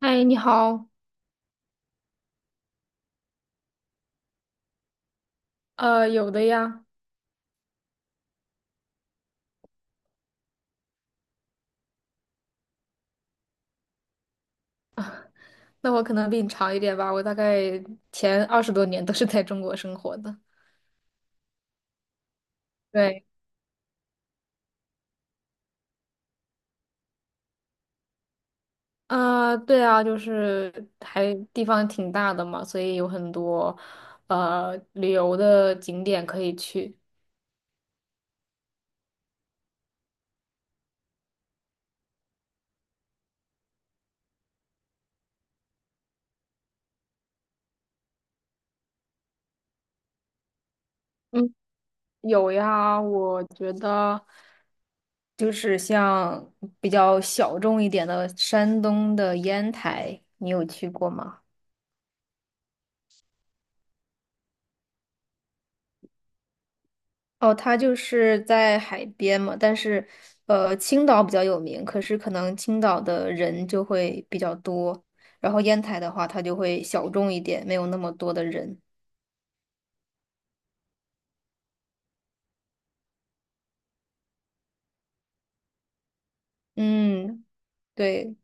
嗨，你好。有的呀。那我可能比你长一点吧，我大概前二十多年都是在中国生活的。对。啊对啊，就是还地方挺大的嘛，所以有很多旅游的景点可以去。嗯，有呀，我觉得就是像比较小众一点的山东的烟台，你有去过吗？哦，它就是在海边嘛，但是，青岛比较有名，可是可能青岛的人就会比较多，然后烟台的话，它就会小众一点，没有那么多的人。嗯，对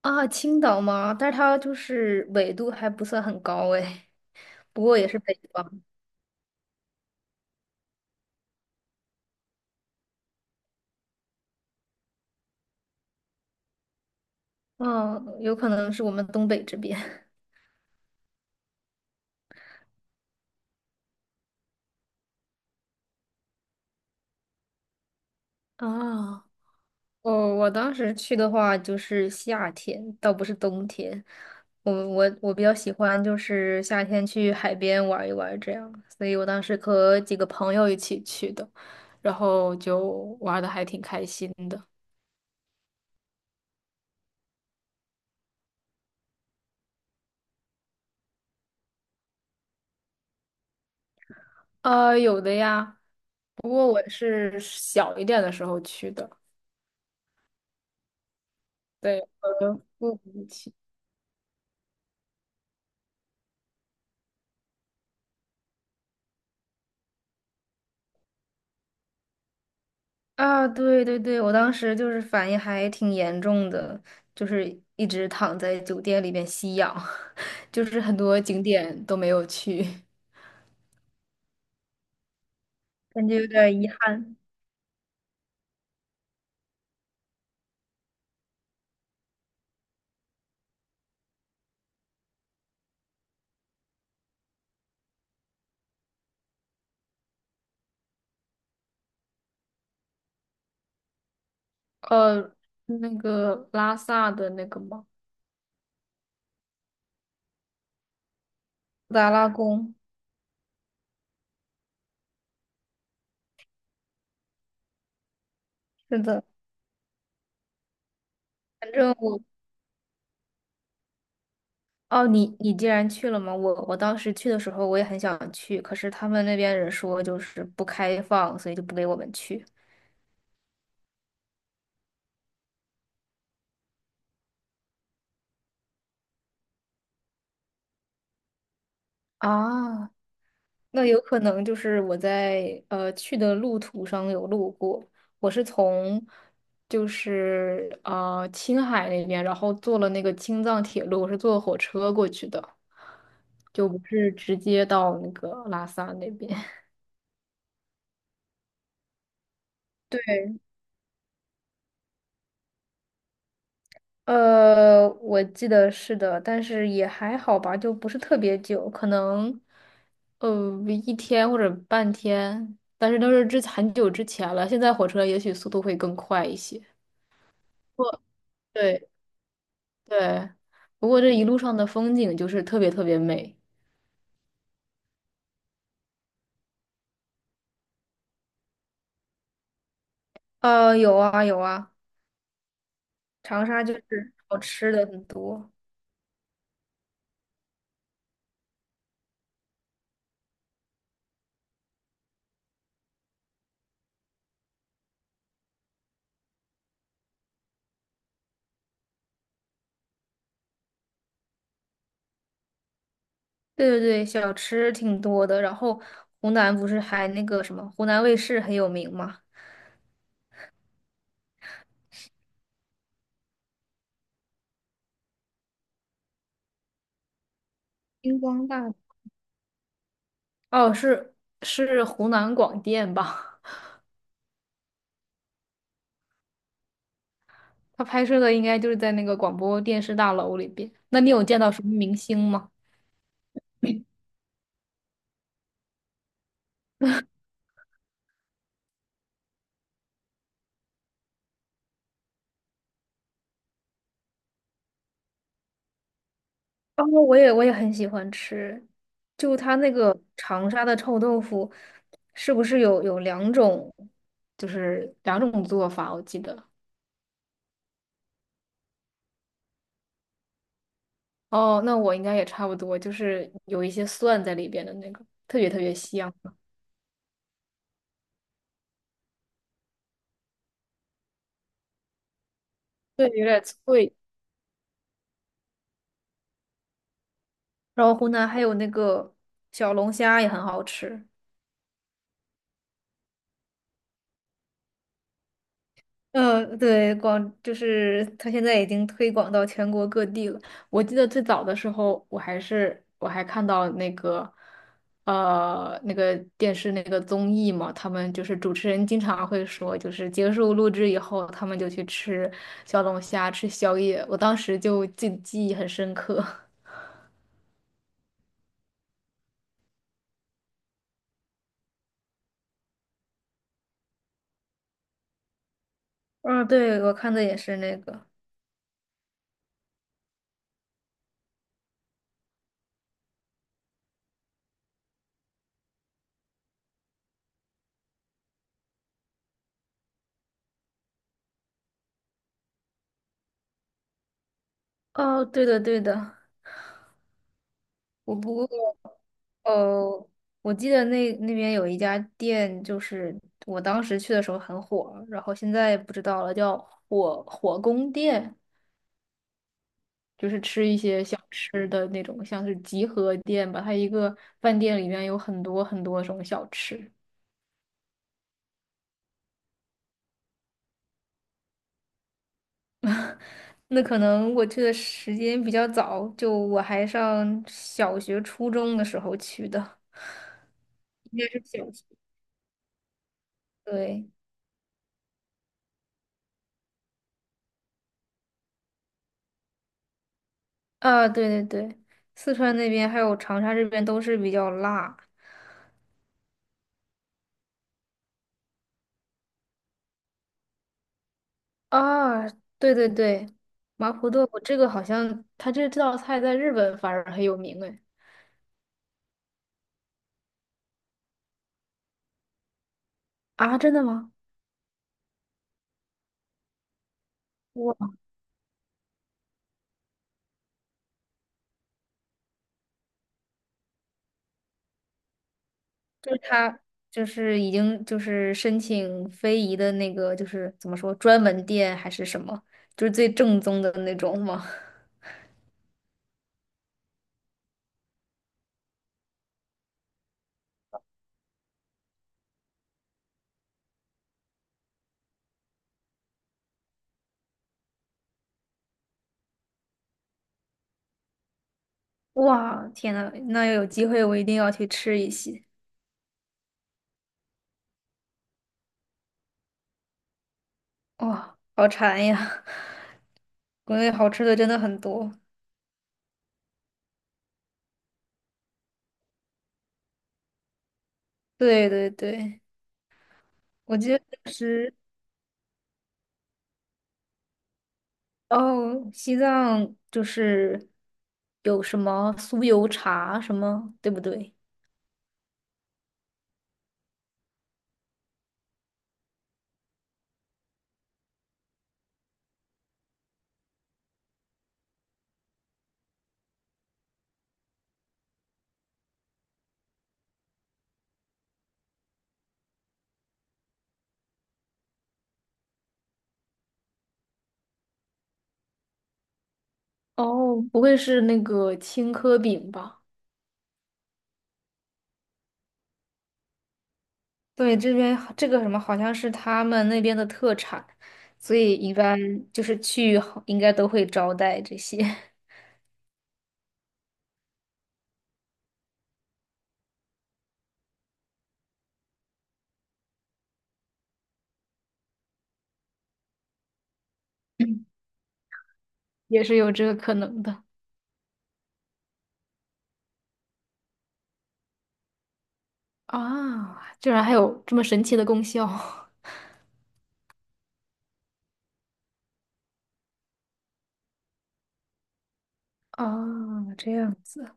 啊，青岛嘛，但是它就是纬度还不算很高诶，不过也是北方。嗯，有可能是我们东北这边。 啊。哦，我当时去的话就是夏天，倒不是冬天。我比较喜欢就是夏天去海边玩一玩这样，所以我当时和几个朋友一起去的，然后就玩的还挺开心的。啊，有的呀，不过我是小一点的时候去的，对，和父母一起。啊，对对对，我当时就是反应还挺严重的，就是一直躺在酒店里面吸氧。就是很多景点都没有去。感觉有点遗憾。呃，那个拉萨的那个吗？达拉宫。是的。反正我，哦，你你既然去了嘛，我当时去的时候我也很想去，可是他们那边人说就是不开放，所以就不给我们去。啊，那有可能就是我在去的路途上有路过，我是从就是青海那边，然后坐了那个青藏铁路，我是坐火车过去的，就不是直接到那个拉萨那边。对，我记得是的，但是也还好吧，就不是特别久，可能呃一天或者半天，但是都是之很久之前了，现在火车也许速度会更快一些。对对，不过这一路上的风景就是特别特别美。有啊有啊，长沙就是好吃的很多。对对对，小吃挺多的。然后湖南不是还那个什么，湖南卫视很有名吗？星光大。哦，是湖南广电吧？他拍摄的应该就是在那个广播电视大楼里边。那你有见到什么明星吗？哦，我也很喜欢吃，就它那个长沙的臭豆腐，是不是有两种，就是两种做法？我记得。哦，那我应该也差不多，就是有一些蒜在里边的那个，特别特别香。对，有点脆。然后湖南还有那个小龙虾也很好吃。嗯，对，就是它现在已经推广到全国各地了。我记得最早的时候，我还看到那个，那个电视那个综艺嘛，他们就是主持人经常会说，就是结束录制以后，他们就去吃小龙虾、吃宵夜。我当时就记忆很深刻。嗯，对，我看的也是那个。哦，对的，对的。我不过，呃，我记得那边有一家店，就是我当时去的时候很火，然后现在不知道了，叫火宫殿，就是吃一些小吃的那种，像是集合店吧。它一个饭店里面有很多很多种小吃。那可能我去的时间比较早，就我还上小学、初中的时候去的，应该是小学。对。啊，对对对，四川那边还有长沙这边都是比较辣。啊，对对对，麻婆豆腐这个好像它这道菜在日本反而很有名哎。啊，真的吗？哇，就是它就是已经就是申请非遗的那个就是怎么说专门店还是什么，就是最正宗的那种吗？哇，天呐，那要有机会我一定要去吃一些。哇，好馋呀！国内好吃的真的很多。对对对。我记得当时哦，西藏就是有什么酥油茶什么，对不对？哦，不会是那个青稞饼吧？对，这边好这个什么好像是他们那边的特产，所以一般就是去好应该都会招待这些。也是有这个可能的。啊！居然还有这么神奇的功效。 啊！这样子。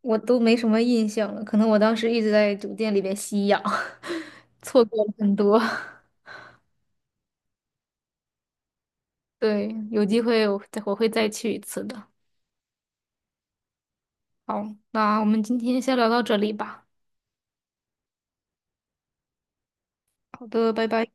我都没什么印象了，可能我当时一直在酒店里边吸氧，错过了很多。对，有机会我会再去一次的。好，那我们今天先聊到这里吧。好的，拜拜。